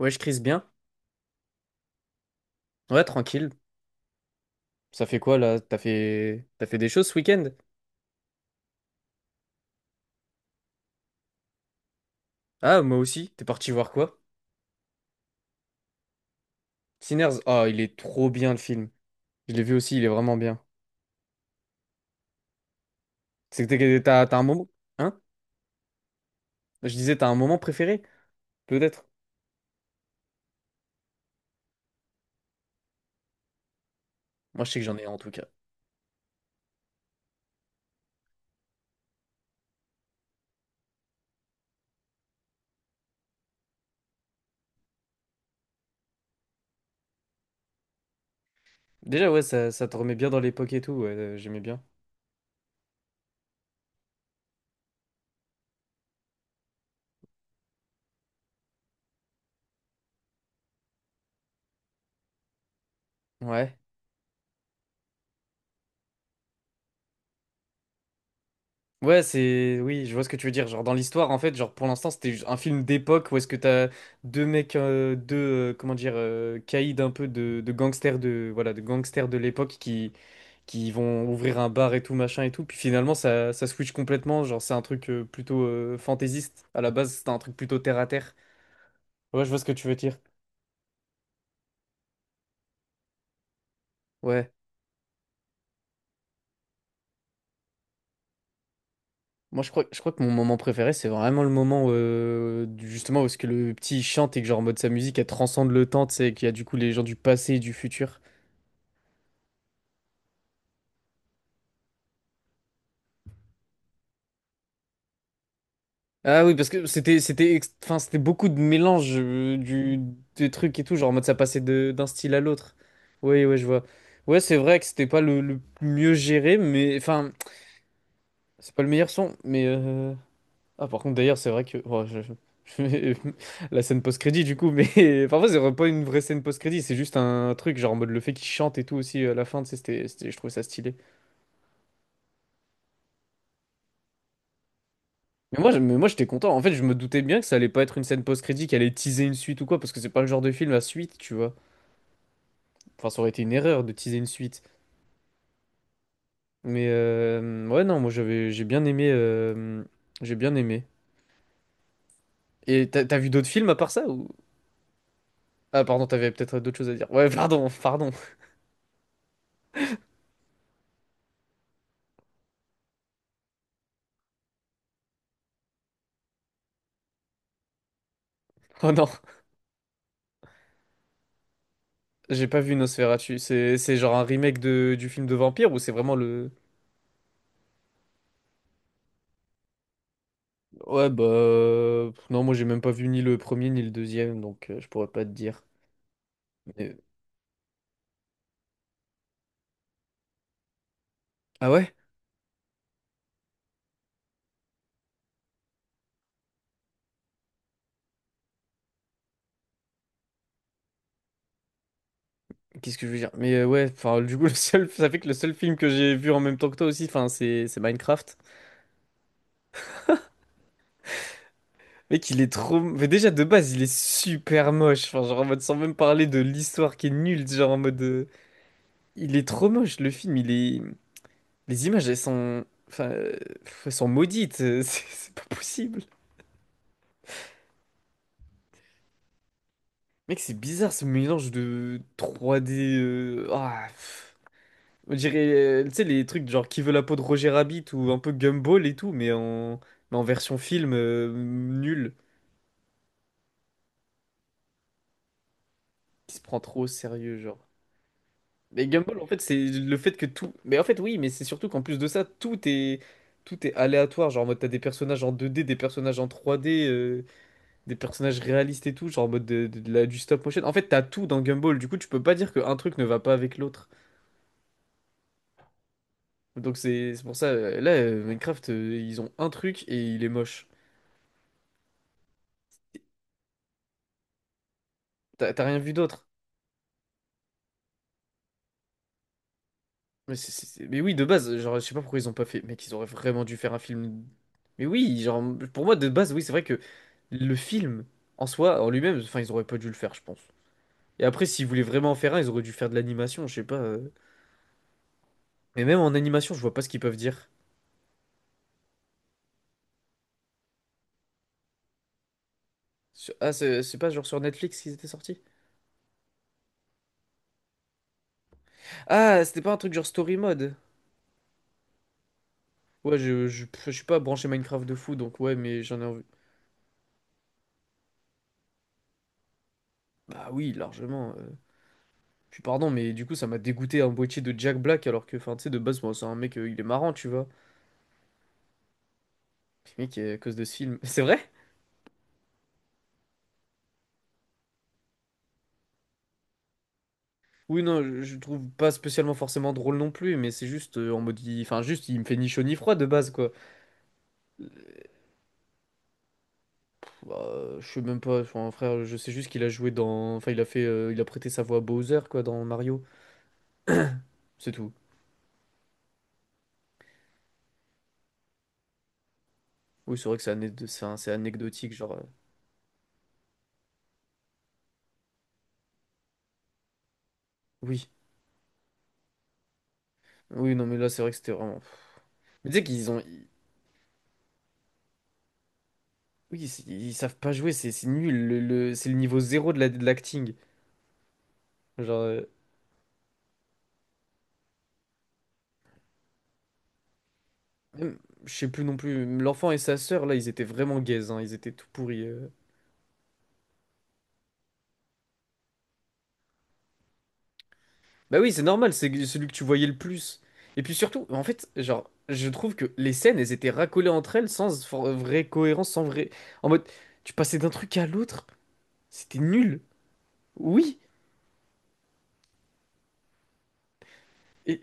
Ouais, je crise bien. Ouais, tranquille. Ça fait quoi là? T'as fait des choses ce week-end? Ah, moi aussi. T'es parti voir quoi? Sinners. Ah, il est trop bien le film. Je l'ai vu aussi, il est vraiment bien. C'est que t'as un moment. Hein? Je disais, t'as un moment préféré? Peut-être. Moi, je sais que j'en ai un en tout cas. Déjà, ouais, ça te remet bien dans l'époque et tout. Ouais, j'aimais bien. Ouais. Ouais, c'est... Oui, je vois ce que tu veux dire. Genre, dans l'histoire, en fait, genre, pour l'instant, c'était juste un film d'époque où est-ce que t'as deux mecs, deux, comment dire, caïds un peu de, gangsters de... Voilà, de gangsters de l'époque qui vont ouvrir un bar et tout, machin et tout. Puis finalement, ça switch complètement. Genre, c'est un truc plutôt fantaisiste. À la base, c'était un truc plutôt terre-à-terre. Ouais, je vois ce que tu veux dire. Ouais. Moi, je crois que mon moment préféré, c'est vraiment le moment justement où est-ce que le petit il chante et que genre en mode sa musique, elle transcende le temps, tu sais, et qu'il y a du coup les gens du passé et du futur. Ah oui, parce que c'était enfin c'était beaucoup de mélange du des trucs et tout, genre en mode ça passait de d'un style à l'autre. Oui, ouais, je vois. Ouais, c'est vrai que c'était pas le mieux géré, mais enfin, c'est pas le meilleur son, mais ah par contre d'ailleurs, c'est vrai que oh, je- la scène post-crédit du coup, mais parfois c'est pas une vraie scène post-crédit, c'est juste un truc genre en mode le fait qu'il chante et tout aussi à la fin, tu sais, je trouvais ça stylé. Mais moi j'étais content. En fait, je me doutais bien que ça allait pas être une scène post-crédit qui allait teaser une suite ou quoi, parce que c'est pas le genre de film à suite, tu vois. Enfin, ça aurait été une erreur de teaser une suite. Mais ouais, non, moi j'ai bien aimé. J'ai bien aimé. Et t'as vu d'autres films à part ça ou... Ah, pardon, t'avais peut-être d'autres choses à dire. Ouais, pardon, pardon. Oh non, j'ai pas vu Nosferatu. C'est genre un remake du film de vampire ou c'est vraiment le. Ouais, bah. Non, moi j'ai même pas vu ni le premier ni le deuxième, donc je pourrais pas te dire. Mais- euh, Ah ouais? Qu'est-ce que je veux dire? Mais ouais, enfin, du coup, le seul, ça fait que le seul film que j'ai vu en même temps que toi aussi, enfin, c'est Minecraft. Mec, il est trop... Mais déjà, de base, il est super moche. Enfin, genre, en mode, sans même parler de l'histoire qui est nulle. Genre, en mode... Il est trop moche, le film. Il est... Les images, elles sont... Enfin, elles sont maudites. C'est pas possible. Mec, c'est bizarre, ce mélange de 3D... Ah, pff. On dirait, tu sais, les trucs genre Qui veut la peau de Roger Rabbit ou un peu Gumball et tout, mais en version film, nul. Qui se prend trop au sérieux, genre. Mais Gumball, en fait, c'est le fait que tout. Mais en fait, oui, mais c'est surtout qu'en plus de ça, tout est aléatoire. Genre, en mode, t'as des personnages en 2D, des personnages en 3D, des personnages réalistes et tout. Genre, en mode du stop motion. En fait, t'as tout dans Gumball. Du coup, tu peux pas dire qu'un truc ne va pas avec l'autre. Donc, c'est pour ça. Là, Minecraft, ils ont un truc et il est moche. T'as rien vu d'autre. Mais, mais oui, de base, genre, je sais pas pourquoi ils ont pas fait. Mec, ils auraient vraiment dû faire un film. Mais oui, genre, pour moi, de base, oui, c'est vrai que le film, en soi, en lui-même, enfin, ils auraient pas dû le faire, je pense. Et après, s'ils voulaient vraiment en faire un, ils auraient dû faire de l'animation, je sais pas. Mais même en animation, je vois pas ce qu'ils peuvent dire. Ah, c'est pas genre sur Netflix qu'ils étaient sortis? Ah, c'était pas un truc genre story mode. Ouais, je suis pas branché Minecraft de fou, donc ouais, mais j'en ai envie. Bah oui, largement. Puis pardon, mais du coup, ça m'a dégoûté un boîtier de Jack Black, alors que, enfin, tu sais, de base, moi, c'est un mec, il est marrant, tu vois. Le mec, à cause de ce film. C'est vrai? Oui, non, je le trouve pas spécialement forcément drôle non plus, mais c'est juste en mode. Enfin, juste, il me fait ni chaud ni froid de base, quoi. Bah, je sais même pas, enfin, frère, je sais juste qu'il a joué dans. Enfin, il a fait. Il a prêté sa voix à Bowser, quoi, dans Mario. C'est tout. Oui, c'est vrai que c'est ané- c'est un- c'est anecdotique, genre. Oui. Oui, non, mais là, c'est vrai que c'était vraiment. Mais tu sais qu'ils ont. Oui, ils savent pas jouer, c'est nul. C'est le niveau zéro de l'acting. Genre, même- je sais plus non plus. L'enfant et sa sœur, là, ils étaient vraiment gays, hein, ils étaient tout pourris. Bah oui, c'est normal, c'est celui que tu voyais le plus. Et puis surtout, en fait, genre, je trouve que les scènes, elles étaient racolées entre elles sans vraie cohérence, sans vrai. En mode, tu passais d'un truc à l'autre, c'était nul. Oui. Et,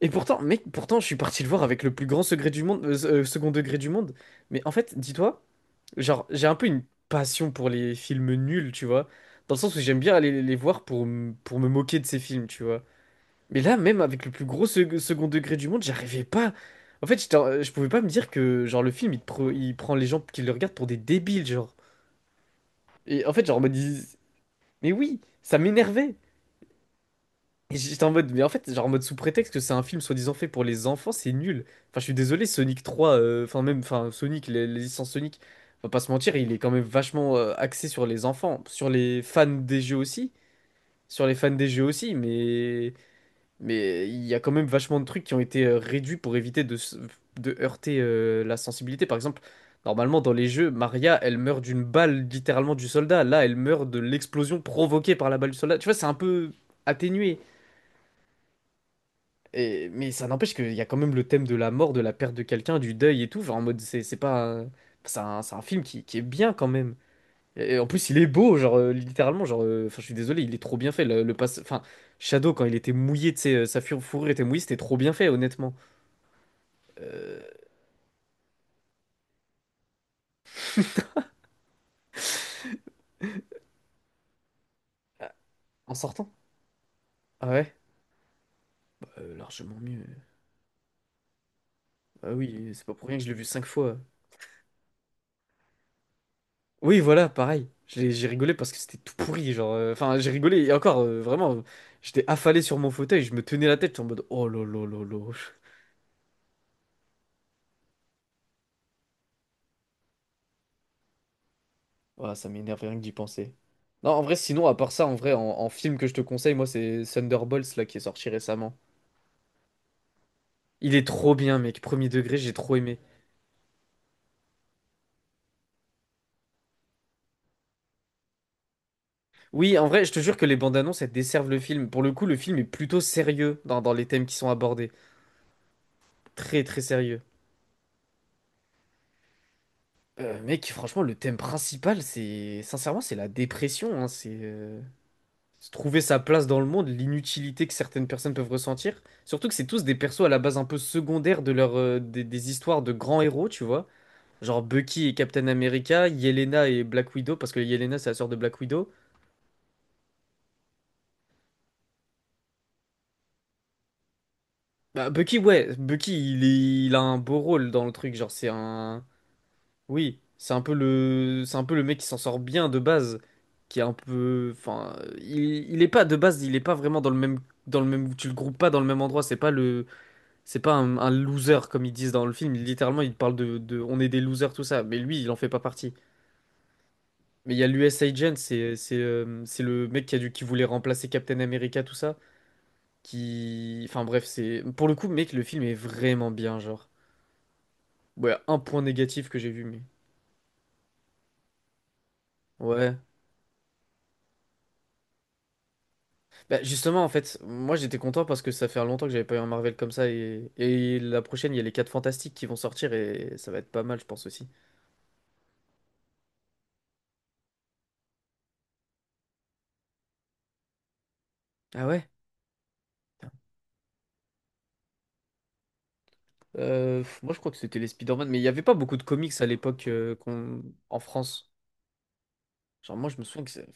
et pourtant, mec, pourtant, je suis parti le voir avec le plus grand secret du monde, second degré du monde. Mais en fait, dis-toi. Genre, j'ai un peu une passion pour les films nuls, tu vois. Dans le sens où j'aime bien aller les voir pour me moquer de ces films, tu vois. Mais là, même avec le plus gros second degré du monde, j'arrivais pas. En fait, je pouvais pas me dire que, genre, le film, il prend les gens qui le regardent pour des débiles, genre. Et en fait, genre, on me dit... Mais oui, ça m'énervait. Et j'étais en mode, mais en fait, genre en mode sous prétexte que c'est un film soi-disant fait pour les enfants, c'est nul. Enfin, je suis désolé, Sonic 3, enfin même, enfin Sonic, les licences Sonic, on va pas se mentir, il est quand même vachement axé sur les enfants, sur les fans des jeux aussi, sur les fans des jeux aussi, mais mais il y a quand même vachement de trucs qui ont été réduits pour éviter de heurter la sensibilité. Par exemple, normalement dans les jeux, Maria, elle meurt d'une balle littéralement du soldat. Là, elle meurt de l'explosion provoquée par la balle du soldat. Tu vois, c'est un peu atténué mais ça n'empêche qu'il y a quand même le thème de la mort, de la perte de quelqu'un, du deuil et tout. Genre en mode, c'est pas. C'est un film qui est bien quand même. Et en plus, il est beau, genre littéralement. Genre, enfin, je suis désolé, il est trop bien fait. Le passe, enfin, Shadow, quand il était mouillé, tu sais, sa fourrure était mouillée, c'était trop bien fait, honnêtement. Euh, En sortant? Ah ouais? Largement mieux. Ah oui, c'est pas pour rien que je l'ai vu cinq fois. Oui, voilà, pareil. J'ai rigolé parce que c'était tout pourri, genre. Enfin, j'ai rigolé et encore, vraiment, j'étais affalé sur mon fauteuil, je me tenais la tête en mode oh là là là là. Voilà, ça m'énerve rien que d'y penser. Non, en vrai, sinon, à part ça, en vrai, en film que je te conseille, moi, c'est Thunderbolts là qui est sorti récemment. Il est trop bien, mec. Premier degré, j'ai trop aimé. Oui, en vrai, je te jure que les bandes annonces, elles desservent le film. Pour le coup, le film est plutôt sérieux dans les thèmes qui sont abordés. Très, très sérieux. Mec, franchement, le thème principal, c'est... Sincèrement, c'est la dépression, hein, c'est... trouver sa place dans le monde, l'inutilité que certaines personnes peuvent ressentir. Surtout que c'est tous des persos à la base un peu secondaires de des histoires de grands héros, tu vois. Genre Bucky et Captain America, Yelena et Black Widow, parce que Yelena c'est la sœur de Black Widow. Bah, Bucky, ouais, Bucky il a un beau rôle dans le truc, genre c'est un... Oui, c'est un peu le mec qui s'en sort bien de base, qui est un peu... Enfin, il est pas de base, il est pas vraiment dans le même... Dans le même, tu le groupes pas dans le même endroit, c'est pas le. C'est pas un loser comme ils disent dans le film. Littéralement, ils parlent. On est des losers, tout ça. Mais lui, il en fait pas partie. Mais il y a l'US Agent, c'est le mec qui voulait remplacer Captain America, tout ça. Qui, enfin bref, c'est pour le coup, mec, le film est vraiment bien, genre. Bon, il y a un point négatif que j'ai vu, mais ouais. Bah justement, en fait, moi j'étais content parce que ça fait longtemps que j'avais pas eu un Marvel comme ça et la prochaine, il y a les 4 Fantastiques qui vont sortir et ça va être pas mal, je pense aussi. Ah ouais? Moi, je crois que c'était les Spider-Man, mais il n'y avait pas beaucoup de comics à l'époque en France. Genre, moi, je me souviens.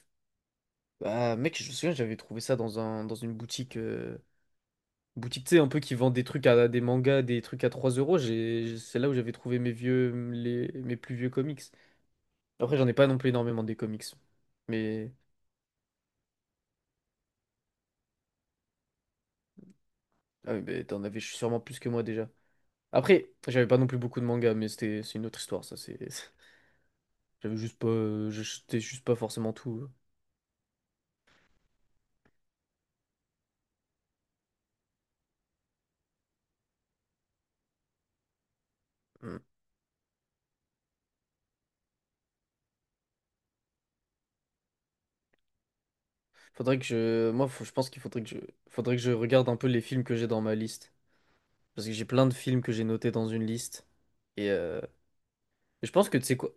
Bah, mec, je me souviens, j'avais trouvé ça dans une boutique. Boutique, tu sais, un peu qui vend des trucs à des mangas, des trucs à 3 euros. J'ai... C'est là où j'avais trouvé mes plus vieux comics. Après, j'en ai pas non plus énormément des comics. Mais. Ah oui, mais t'en avais sûrement plus que moi déjà. Après, j'avais pas non plus beaucoup de mangas, mais c'est une autre histoire, ça. C'est... J'avais juste pas. J'étais juste pas forcément tout. euh. Faudrait que je, moi, faut- Je pense qu'il faudrait faudrait que je regarde un peu les films que j'ai dans ma liste, parce que j'ai plein de films que j'ai notés dans une liste, et je pense que tu sais quoi,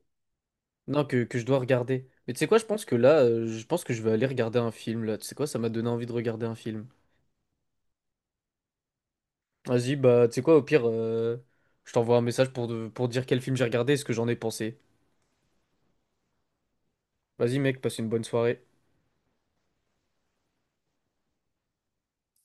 non, que je dois regarder. Mais tu sais quoi, je pense que je vais aller regarder un film là. Tu sais quoi, ça m'a donné envie de regarder un film. Vas-y, bah, tu sais quoi, au pire, je t'envoie un message pour dire quel film j'ai regardé et ce que j'en ai pensé. Vas-y, mec, passe une bonne soirée.